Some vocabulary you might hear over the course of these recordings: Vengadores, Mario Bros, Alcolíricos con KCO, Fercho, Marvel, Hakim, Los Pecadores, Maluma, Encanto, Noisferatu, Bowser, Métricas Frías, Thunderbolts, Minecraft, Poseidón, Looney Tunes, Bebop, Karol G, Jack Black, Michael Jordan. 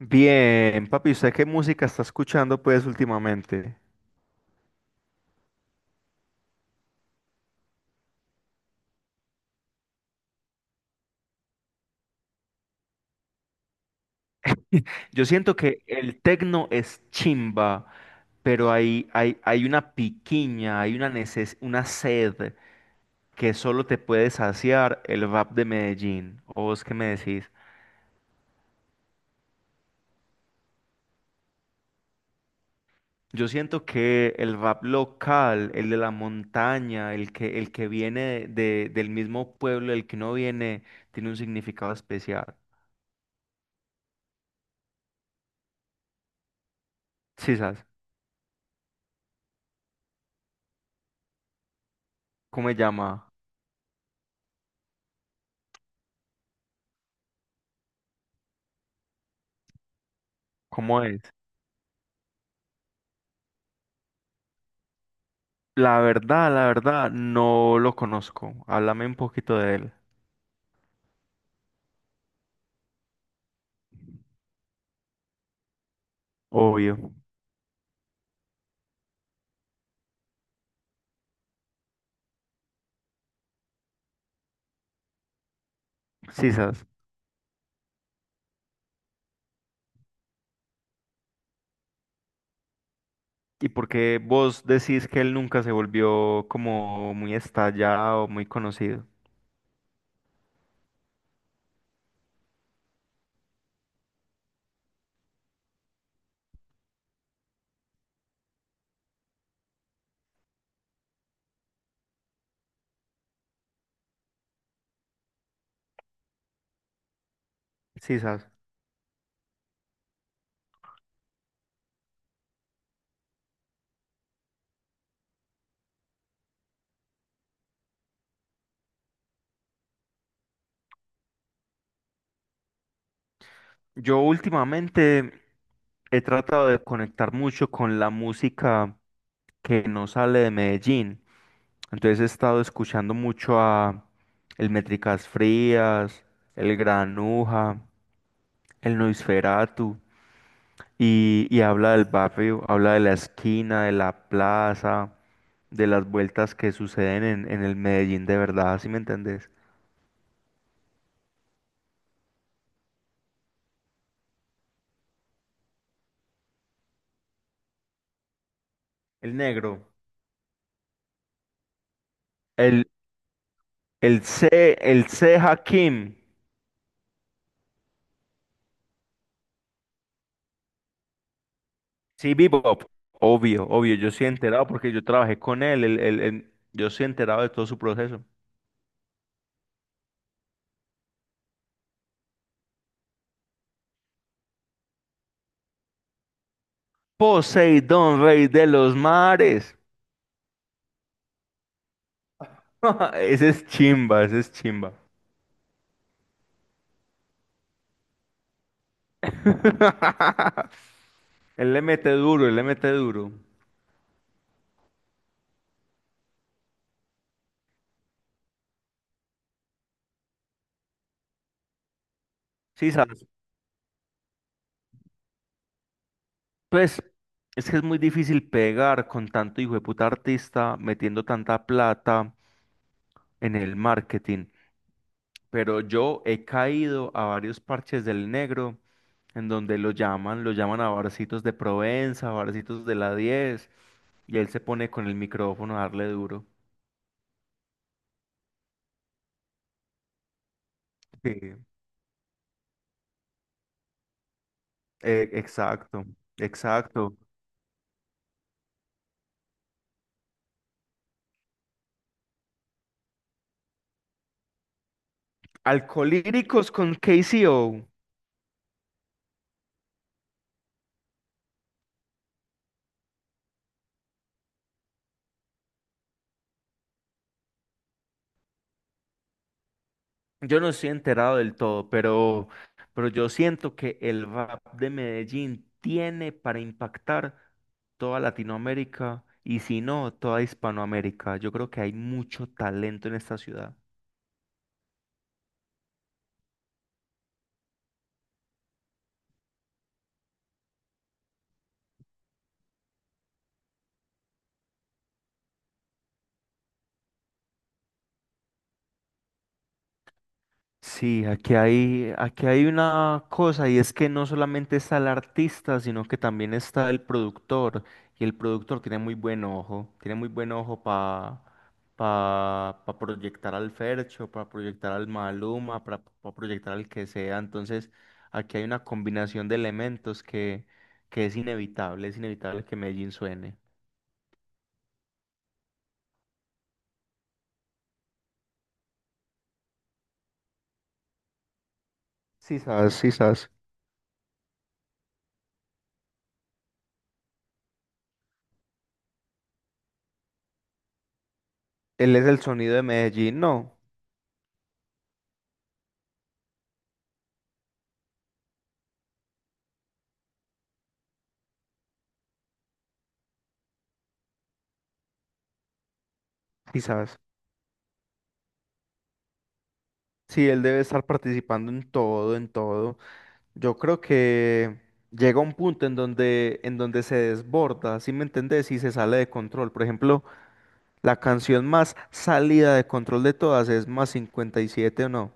Bien, papi, ¿usted qué música está escuchando pues últimamente? Yo siento que el tecno es chimba, pero hay una piquiña, hay una una sed que solo te puede saciar el rap de Medellín. ¿O vos qué me decís? Yo siento que el rap local, el de la montaña, el que viene del mismo pueblo, el que no viene, tiene un significado especial. ¿Sí sabes cómo se llama? ¿Cómo es? La verdad, no lo conozco. Háblame un poquito de él. Obvio. Sí, sabes. ¿Y por qué vos decís que él nunca se volvió como muy estallado, muy conocido? Sí, sabes. Yo últimamente he tratado de conectar mucho con la música que no sale de Medellín. Entonces he estado escuchando mucho a el Métricas Frías, el Granuja, el Noisferatu. Y habla del barrio, habla de la esquina, de la plaza, de las vueltas que suceden en el Medellín de verdad, ¿sí me entendés? El negro. El, el C Hakim, sí, Bebop, obvio, obvio, yo sí he enterado porque yo trabajé con él, yo sí he enterado de todo su proceso. Poseidón, rey de los mares. Ese es chimba, ese es chimba. Él le mete duro, él le mete duro. Sí, sabes. Pues es que es muy difícil pegar con tanto hijo de puta artista metiendo tanta plata en el marketing. Pero yo he caído a varios parches del negro en donde lo llaman a barcitos de Provenza, barcitos de la 10 y él se pone con el micrófono a darle duro. Sí, exacto, exacto. Alcolíricos con KCO. Yo no estoy enterado del todo, pero yo siento que el rap de Medellín tiene para impactar toda Latinoamérica y si no, toda Hispanoamérica. Yo creo que hay mucho talento en esta ciudad. Sí, aquí hay una cosa y es que no solamente está el artista, sino que también está el productor. Y el productor tiene muy buen ojo, tiene muy buen ojo para pa, pa pa proyectar al Fercho, para proyectar al Maluma, para proyectar al que sea. Entonces, aquí hay una combinación de elementos que es inevitable que Medellín suene. Sí, sabes, sí, sabes. Él es el sonido de Medellín, no, quizás. Sí, él debe estar participando en todo, en todo. Yo creo que llega un punto en donde se desborda, ¿sí me entendés? Y se sale de control. Por ejemplo, la canción más salida de control de todas es Más 57 o no.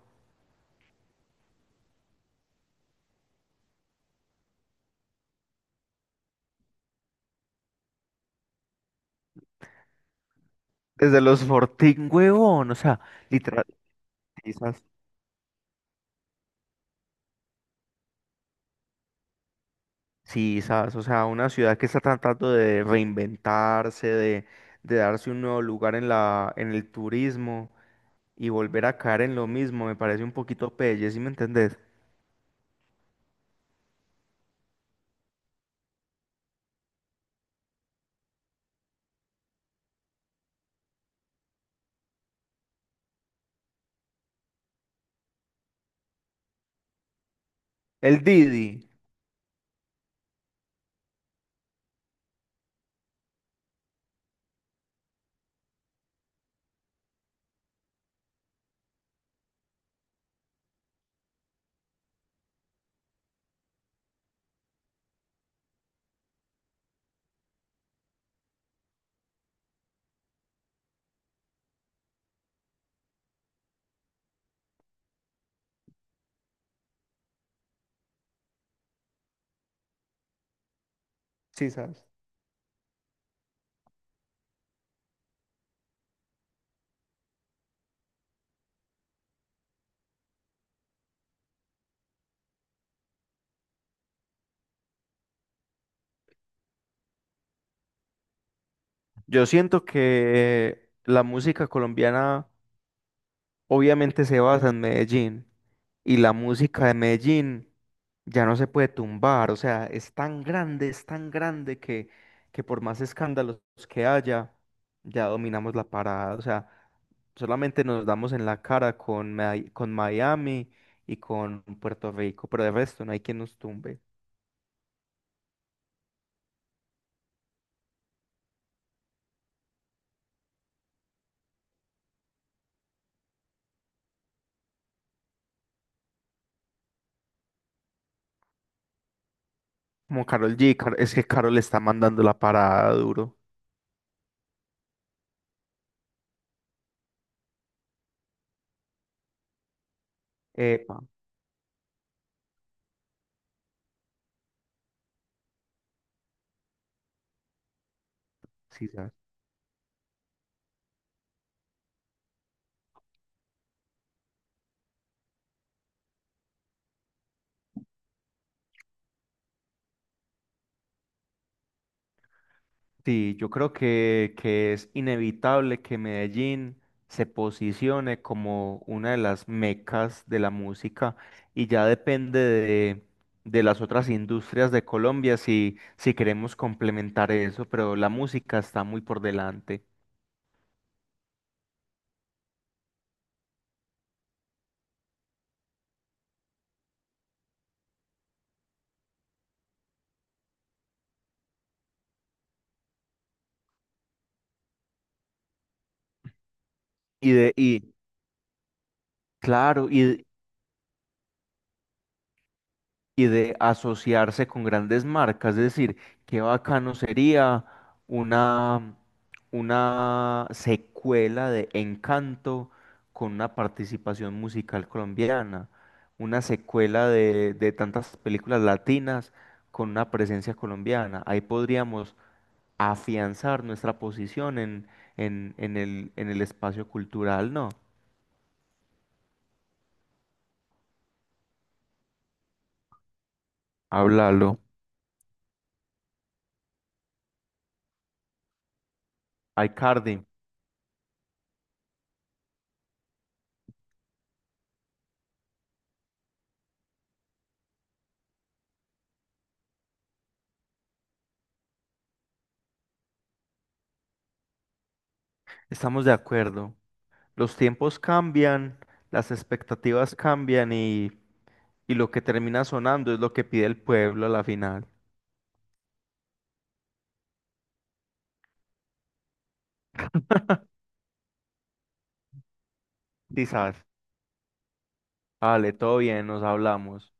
Desde los Fortín, huevón, o sea, literal, sí, sas, sí, sas, o sea, una ciudad que está tratando de reinventarse, de darse un nuevo lugar en en el turismo y volver a caer en lo mismo, me parece un poquito pelle, ¿sí me entendés? El Didi, sí, sas. Yo siento que la música colombiana obviamente se basa en Medellín y la música de Medellín ya no se puede tumbar, o sea, es tan grande que por más escándalos que haya, ya dominamos la parada, o sea, solamente nos damos en la cara con, con Miami y con Puerto Rico, pero de resto no hay quien nos tumbe. Como Karol G, es que Karol está mandando la parada duro. Epa, sí. Sí, yo creo que es inevitable que Medellín se posicione como una de las mecas de la música y ya depende de las otras industrias de Colombia si, si queremos complementar eso, pero la música está muy por delante. Y claro, y de asociarse con grandes marcas. Es decir, qué bacano sería una, una secuela de Encanto con una participación musical colombiana, una secuela de tantas películas latinas con una presencia colombiana. Ahí podríamos afianzar nuestra posición en el espacio cultural, ¿no? Háblalo. Ay, Cardi, estamos de acuerdo. Los tiempos cambian, las expectativas cambian y lo que termina sonando es lo que pide el pueblo a la final. Quizás, vale, todo bien, nos hablamos.